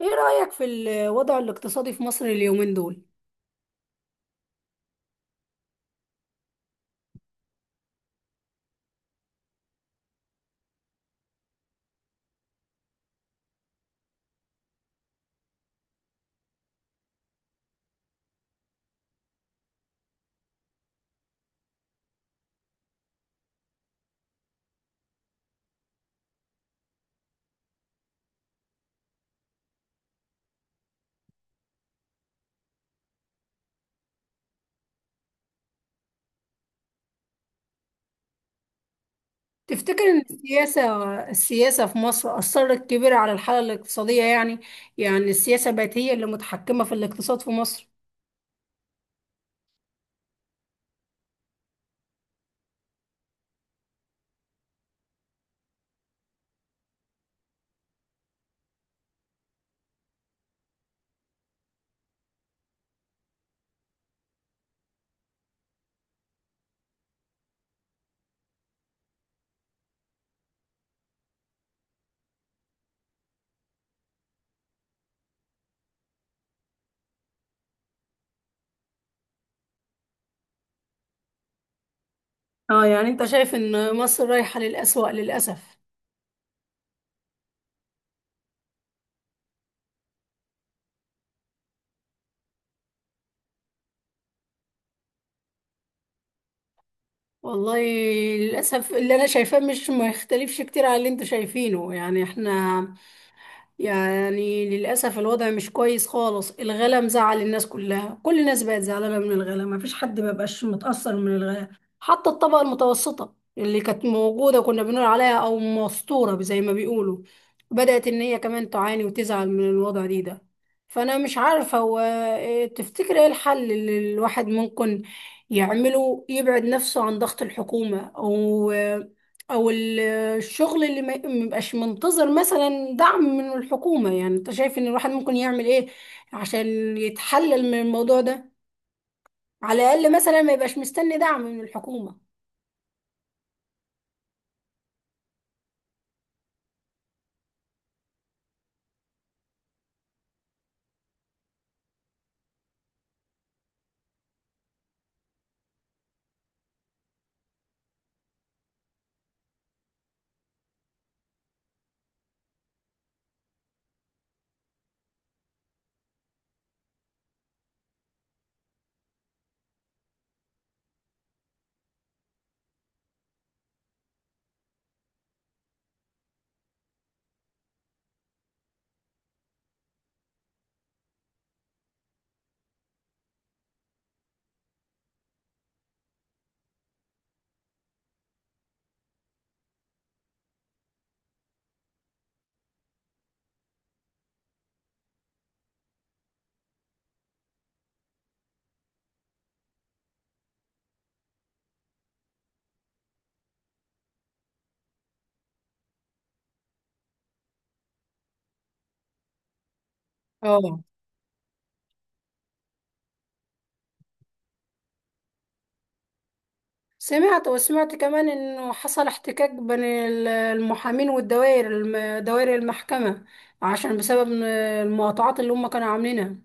ايه رأيك في الوضع الاقتصادي في مصر اليومين دول؟ تفتكر ان السياسة في مصر أثرت كبيرة على الحالة الاقتصادية يعني، يعني السياسة بقت هي اللي متحكمة في الاقتصاد في مصر؟ اه، يعني انت شايف ان مصر رايحة للأسوأ للأسف. والله، للأسف اللي انا شايفاه مش ما يختلفش كتير على اللي انتوا شايفينه، يعني احنا يعني للأسف الوضع مش كويس خالص، الغلا مزعل الناس كلها، كل الناس بقت زعلانة من الغلا، مفيش حد مبقاش متأثر من الغلا. حتى الطبقة المتوسطة اللي كانت موجودة كنا بنقول عليها أو مستورة زي ما بيقولوا، بدأت إن هي كمان تعاني وتزعل من الوضع دي ده. فأنا مش عارفة هو إيه، تفتكر إيه الحل اللي الواحد ممكن يعمله يبعد نفسه عن ضغط الحكومة، أو أو الشغل اللي ما يبقاش منتظر مثلا دعم من الحكومة؟ يعني انت شايف ان الواحد ممكن يعمل ايه عشان يتحلل من الموضوع ده، على الاقل مثلا ما يبقاش مستني دعم من الحكومة. اه. سمعت، وسمعت كمان انه حصل احتكاك بين المحامين والدوائر دوائر المحكمة، عشان بسبب إن المقاطعات اللي هم كانوا عاملينها.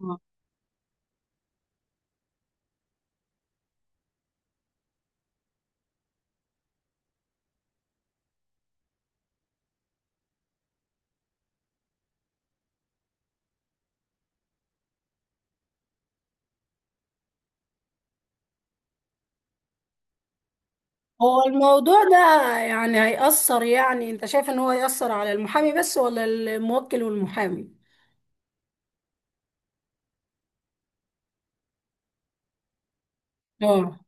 آه. هو الموضوع ده يعني هيأثر، يعني انت شايف ان هو هيأثر على المحامي بس ولا الموكل والمحامي؟ اه.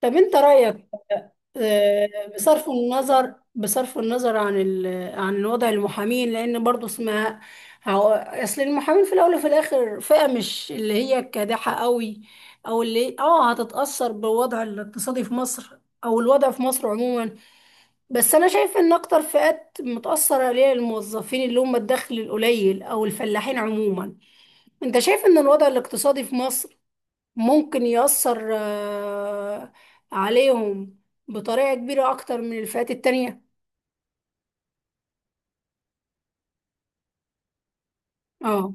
طب انت رأيك، آه، بصرف النظر، بصرف النظر عن ال... عن وضع المحامين، لان برضو اسمها هو- اصل المحامين في الاول وفي الاخر فئة مش اللي هي كادحة قوي، او اللي اه هتتأثر بالوضع الاقتصادي في مصر او الوضع في مصر عموما. بس انا شايف ان اكتر فئات متأثرة عليها الموظفين اللي هم الدخل القليل او الفلاحين عموما. انت شايف ان الوضع الاقتصادي في مصر ممكن يأثر عليهم بطريقة كبيرة أكتر من الفئات التانية؟ اه،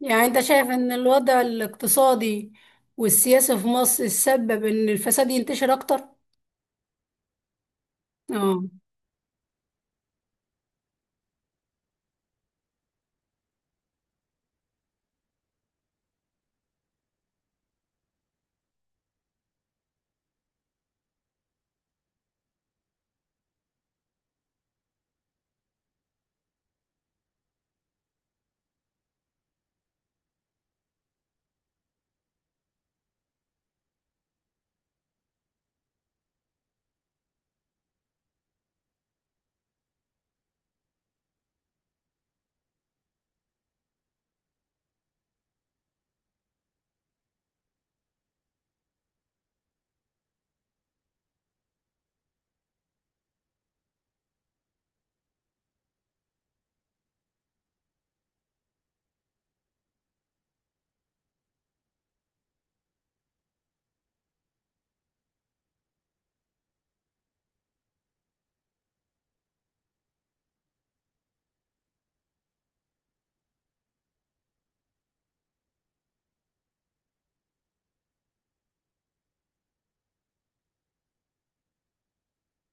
يعني أنت شايف إن الوضع الاقتصادي والسياسي في مصر سبب إن الفساد ينتشر أكتر؟ اه.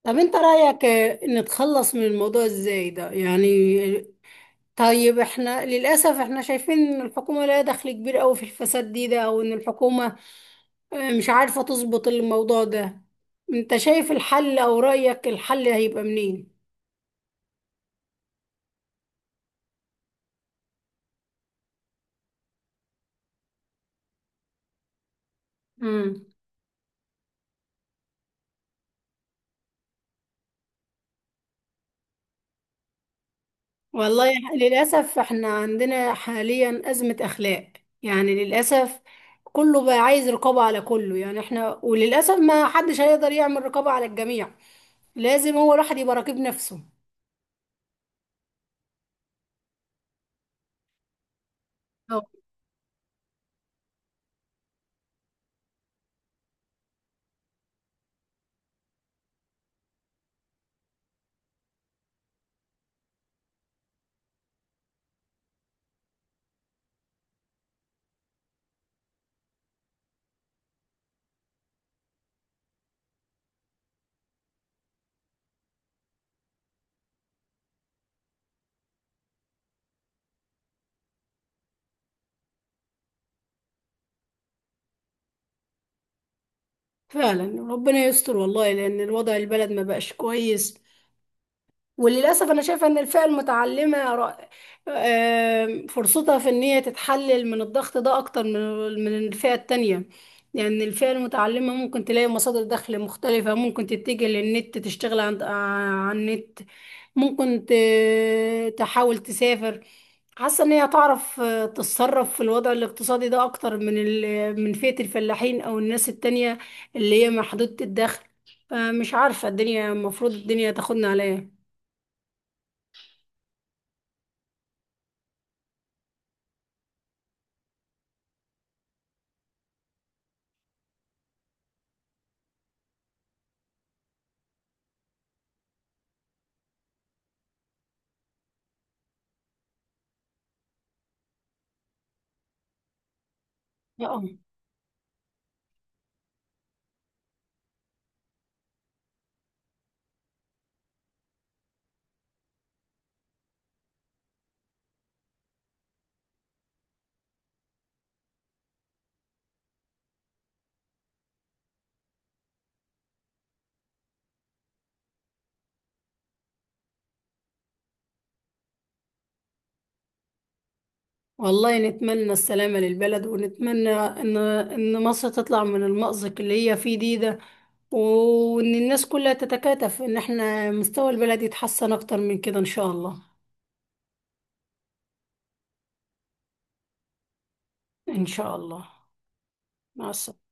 طب أنت رأيك، نتخلص من الموضوع إزاي ده؟ يعني طيب احنا للأسف، احنا شايفين ان الحكومة لها دخل كبير قوي في الفساد دي ده، او ان الحكومة مش عارفة تظبط الموضوع ده. انت شايف الحل او رأيك الحل هيبقى منين؟ امم والله، للأسف احنا عندنا حاليا أزمة أخلاق، يعني للأسف كله بقى عايز رقابة على كله، يعني احنا وللأسف ما حدش هيقدر يعمل رقابة على الجميع، لازم هو الواحد يبقى راقب نفسه. أو- فعلا ربنا يستر والله، لأن الوضع البلد ما بقاش كويس. وللأسف أنا شايفة إن الفئة المتعلمة را- آم، فرصتها في إن هي تتحلل من الضغط ده أكتر من الفئة التانية. يعني الفئة المتعلمة ممكن تلاقي مصادر دخل مختلفة، ممكن تتجه للنت تشتغل على النت، ممكن تحاول تسافر. حاسة إن هي تعرف تتصرف في الوضع الاقتصادي ده أكتر من من فئة الفلاحين أو الناس التانية اللي هي محدودة الدخل. فمش عارفة الدنيا المفروض الدنيا تاخدنا على ايه. اه، والله نتمنى السلامة للبلد، ونتمنى ان مصر تطلع من المأزق اللي هي فيه دي ده، وان الناس كلها تتكاتف ان احنا مستوى البلد يتحسن اكتر من كده ان شاء الله. ان شاء الله. مع السلامة.